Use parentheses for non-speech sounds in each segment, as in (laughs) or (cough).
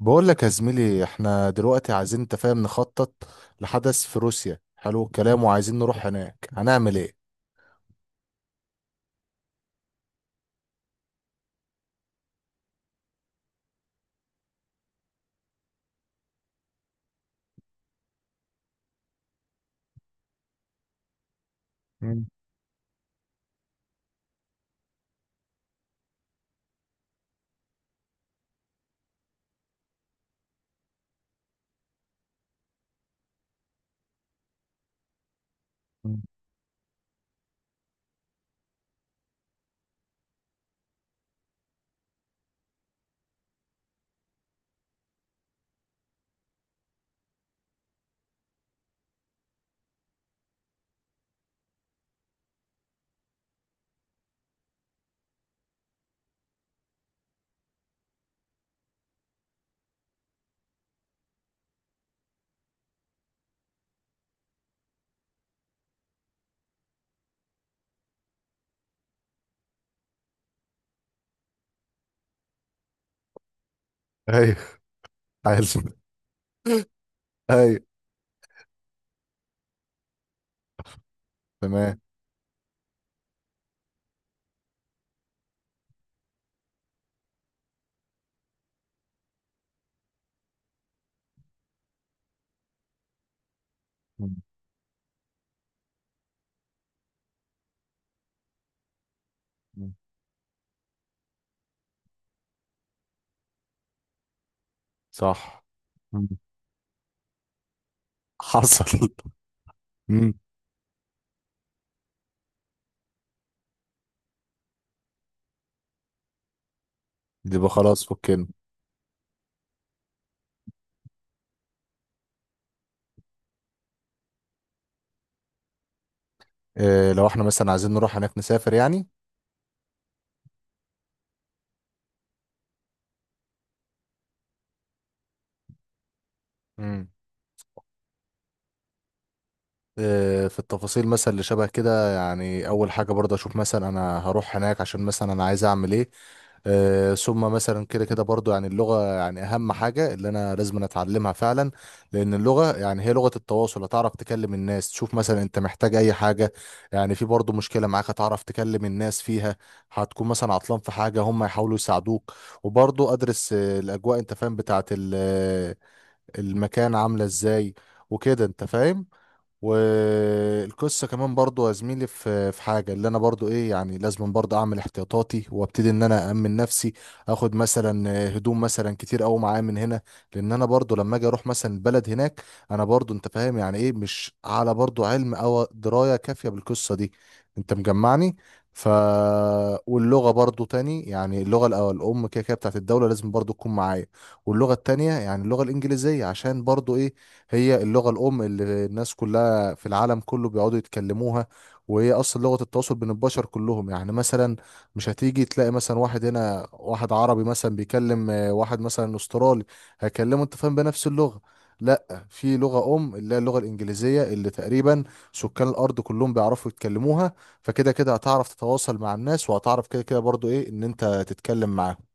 بقول لك يا زميلي، احنا دلوقتي عايزين، انت فاهم، نخطط لحدث في روسيا. حلو الكلام. وعايزين نروح هناك. هنعمل ايه؟ مم. مم. ايوه. عايز. ايوه. تمام. مم. مم. صح. مم. حصل. (laughs) مم. يبقى خلاص، فكنا. اه، لو احنا مثلا عايزين نروح هناك، نسافر يعني. مم. في التفاصيل مثلا اللي شبه كده، يعني اول حاجه برضه اشوف، مثلا انا هروح هناك عشان مثلا انا عايز اعمل ايه. ثم مثلا كده كده برضه، يعني اللغه، يعني اهم حاجه اللي انا لازم أنا اتعلمها فعلا. لان اللغه يعني هي لغه التواصل، هتعرف تكلم الناس، تشوف مثلا انت محتاج اي حاجه. يعني في برضه مشكله معاك هتعرف تكلم الناس فيها. هتكون مثلا عطلان في حاجه هم يحاولوا يساعدوك. وبرضه ادرس الاجواء، انت فاهم، بتاعت المكان عامله ازاي. وكده انت فاهم. والقصه كمان برضو يا زميلي، في حاجه اللي انا برضو ايه، يعني لازم برضو اعمل احتياطاتي وابتدي ان انا امن نفسي. اخد مثلا هدوم مثلا كتير قوي معايا من هنا. لان انا برضو لما اجي اروح مثلا البلد هناك، انا برضو انت فاهم يعني ايه، مش على برضو علم او درايه كافيه بالقصه دي. انت مجمعني. ف واللغه برضو تاني، يعني اللغه الأول الام كده كده بتاعت الدوله لازم برضو تكون معايا. واللغه التانيه يعني اللغه الانجليزيه، عشان برضو ايه، هي اللغه الام اللي الناس كلها في العالم كله بيقعدوا يتكلموها. وهي اصلا لغة التواصل بين البشر كلهم، يعني مثلا مش هتيجي تلاقي مثلا واحد هنا واحد عربي مثلا بيكلم واحد مثلا استرالي هيكلمه، انت فاهم، بنفس اللغة. لا، في لغة أم اللي هي اللغة الإنجليزية اللي تقريبا سكان الأرض كلهم بيعرفوا يتكلموها. فكده كده هتعرف تتواصل مع الناس، وهتعرف كده كده برضو إيه، إن أنت تتكلم معاهم.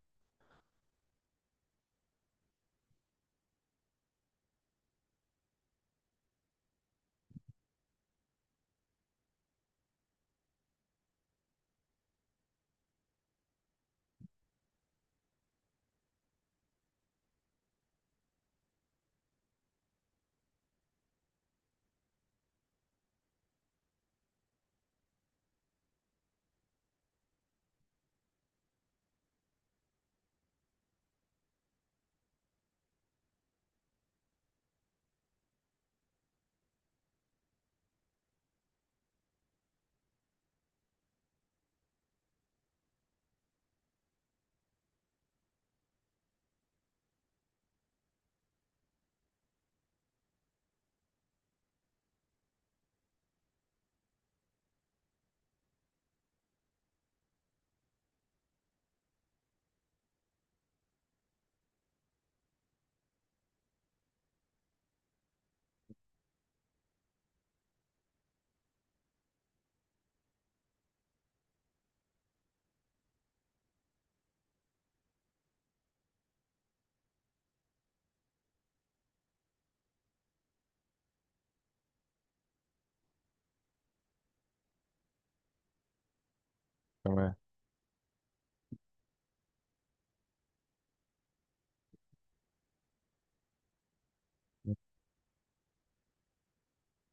تمام.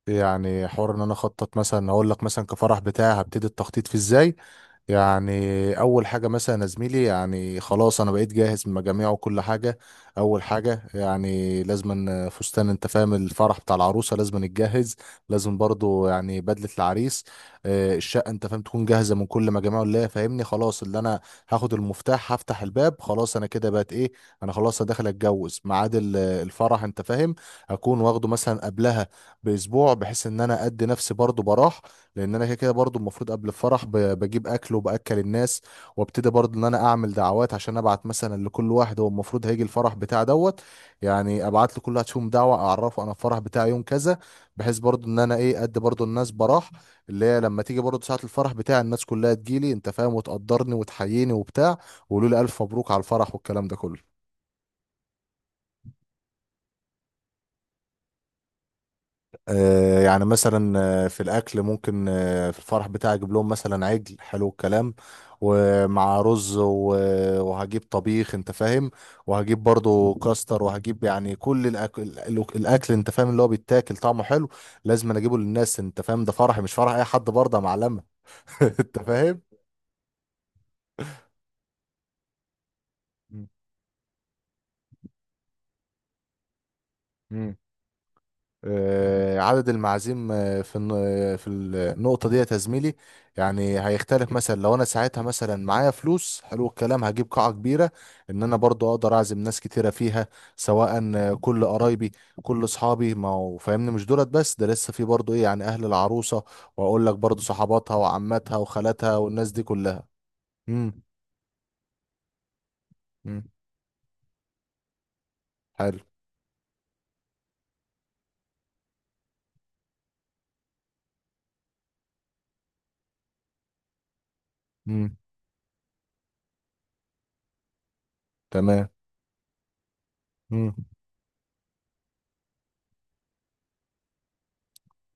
يعني حوار ان انا اخطط، مثلا اقول لك مثلا كفرح بتاعي هبتدي التخطيط فيه ازاي؟ يعني اول حاجه مثلا يا زميلي، يعني خلاص انا بقيت جاهز من مجاميع وكل حاجه. اول حاجه يعني لازم فستان، انت فاهم، الفرح بتاع العروسه لازم نتجهز. لازم برضو يعني بدله العريس. الشقه، انت فاهم، تكون جاهزه من كل مجاميع اللي هي فاهمني، خلاص اللي انا هاخد المفتاح هفتح الباب، خلاص انا كده بقت ايه، انا خلاص أنا داخل اتجوز ميعاد الفرح، انت فاهم، اكون واخده مثلا قبلها باسبوع، بحيث ان انا ادي نفسي برضو براح. لان انا كده كده برضو المفروض قبل الفرح بجيب اكل وباكل الناس. وابتدي برضو ان انا اعمل دعوات عشان ابعت مثلا لكل واحد هو المفروض هيجي الفرح بتاع دوت. يعني ابعت لكل واحد فيهم دعوه اعرفه انا الفرح بتاعي يوم كذا، بحيث برضو ان انا ايه، ادي برضو الناس براح. اللي هي لما تيجي برضو ساعه الفرح بتاعي الناس كلها تجيلي، انت فاهم، وتقدرني وتحييني وبتاع، ويقولوا لي الف مبروك على الفرح والكلام ده كله. يعني مثلا، في الاكل ممكن، في الفرح بتاعي اجيب لهم مثلا عجل. حلو الكلام. ومع رز وهجيب طبيخ، انت فاهم، وهجيب برضو كاستر وهجيب يعني كل الاكل. الاكل، انت فاهم، اللي هو بيتاكل طعمه حلو لازم أنا اجيبه للناس، انت فاهم، ده فرحي مش فرح اي حد برضه، يا معلمه. (laughs) انت فاهم. عدد المعازيم، في النقطة دي يا زميلي، يعني هيختلف مثلا لو انا ساعتها مثلا معايا فلوس. حلو الكلام. هجيب قاعة كبيرة ان انا برضو اقدر اعزم ناس كتيرة فيها، سواء كل قرايبي كل اصحابي، ما هو فاهمني مش دولت بس، ده لسه في برضو ايه، يعني اهل العروسة، واقول لك برضو صحباتها وعماتها وخالاتها والناس دي كلها. امم. امم. حلو. امم. تمام. امم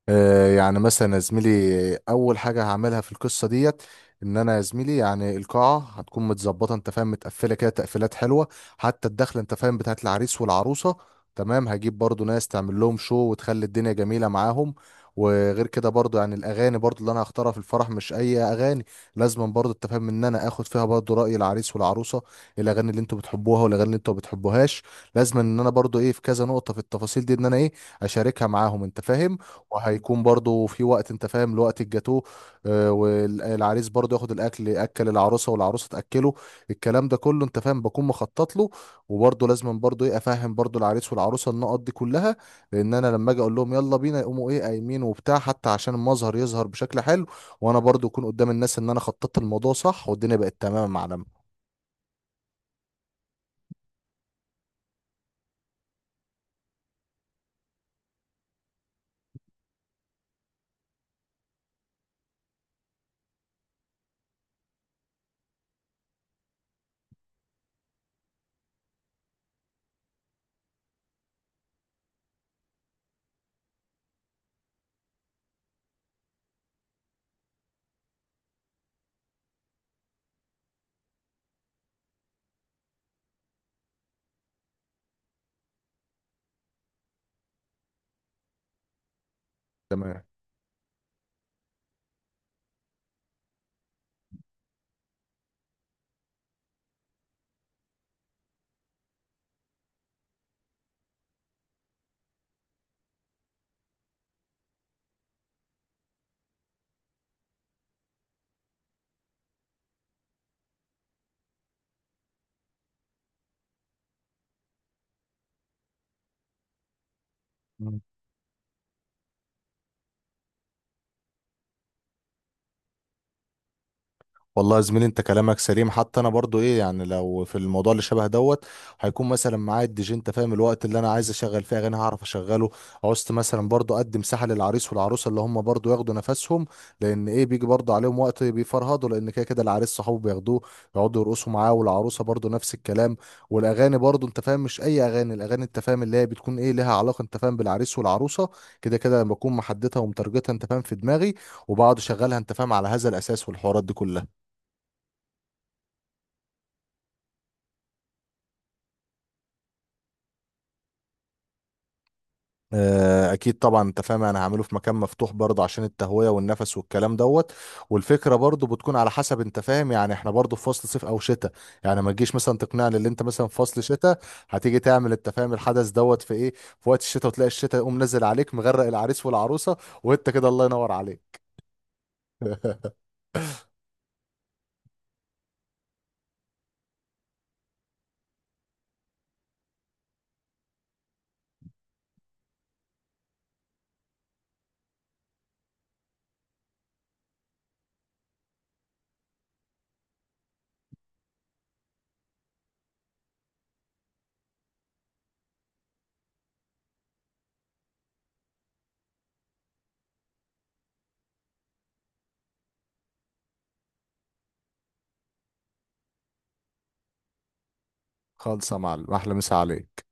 يعني مثلا يا زميلي، اول حاجه هعملها في القصه ديت، ان انا يا زميلي يعني القاعه هتكون متظبطه، انت فاهم، متقفله كده تقفيلات حلوه، حتى الدخله، انت فاهم، بتاعت العريس والعروسه. تمام. هجيب برضو ناس تعمل لهم شو وتخلي الدنيا جميله معاهم. وغير كده برضو، يعني الاغاني برضو اللي انا هختارها في الفرح مش اي اغاني. لازم برضو، انت فاهم، ان انا اخد فيها برضو راي العريس والعروسه، الاغاني اللي انتوا بتحبوها والاغاني اللي انتوا ما بتحبوهاش. لازم ان انا برضو ايه، في كذا نقطه في التفاصيل دي، ان انا ايه اشاركها معاهم، انت فاهم. وهيكون برضو في وقت، انت فاهم، لوقت الجاتوه. والعريس برضو ياخد الاكل، اكل العروسه والعروسه تاكله، الكلام ده كله انت فاهم بكون مخطط له. وبرضو لازم برضو ايه، افهم برضو العريس والعروسه النقط دي كلها، لان انا لما اجي اقول لهم يلا بينا يقوموا ايه قايمين وبتاع، حتى عشان المظهر يظهر بشكل حلو، وانا برضو اكون قدام الناس ان انا خططت الموضوع صح والدنيا بقت تمام، يا معلم. تمام. والله يا زميلي، انت كلامك سليم، حتى انا برضو ايه، يعني لو في الموضوع اللي شبه دوت هيكون مثلا معايا الدي جي، انت فاهم، الوقت اللي انا عايز اشغل فيه اغاني هعرف اشغله. عوزت مثلا برضو ادي مساحه للعريس والعروسه اللي هم برضو ياخدوا نفسهم، لان ايه بيجي برضو عليهم وقت بيفرهدوا، لان كده كده العريس صحابه بياخدوه يقعدوا يرقصوا معاه، والعروسه برضو نفس الكلام. والاغاني برضو، انت فاهم، مش اي اغاني، الاغاني، انت فاهم، اللي هي بتكون ايه، لها علاقه، انت فاهم، بالعريس والعروسه، كده كده لما بكون محددها ومترجتها، انت فاهم، في دماغي، وبقعد اشغلها، انت فاهم، على هذا الاساس والحوارات دي كلها. اكيد طبعا، انت فاهم، انا هعمله في مكان مفتوح برضه عشان التهويه والنفس والكلام دوت. والفكره برضه بتكون على حسب، انت فاهم، يعني احنا برضه في فصل صيف او شتاء. يعني ما تجيش مثلا تقنعني اللي انت مثلا في فصل شتاء هتيجي تعمل، انت فاهم، الحدث دوت في ايه، في وقت الشتاء، وتلاقي الشتاء يقوم نزل عليك مغرق العريس والعروسه، وانت كده الله ينور عليك. (laughs) خالصه يا معلم، احلى مسا عليك.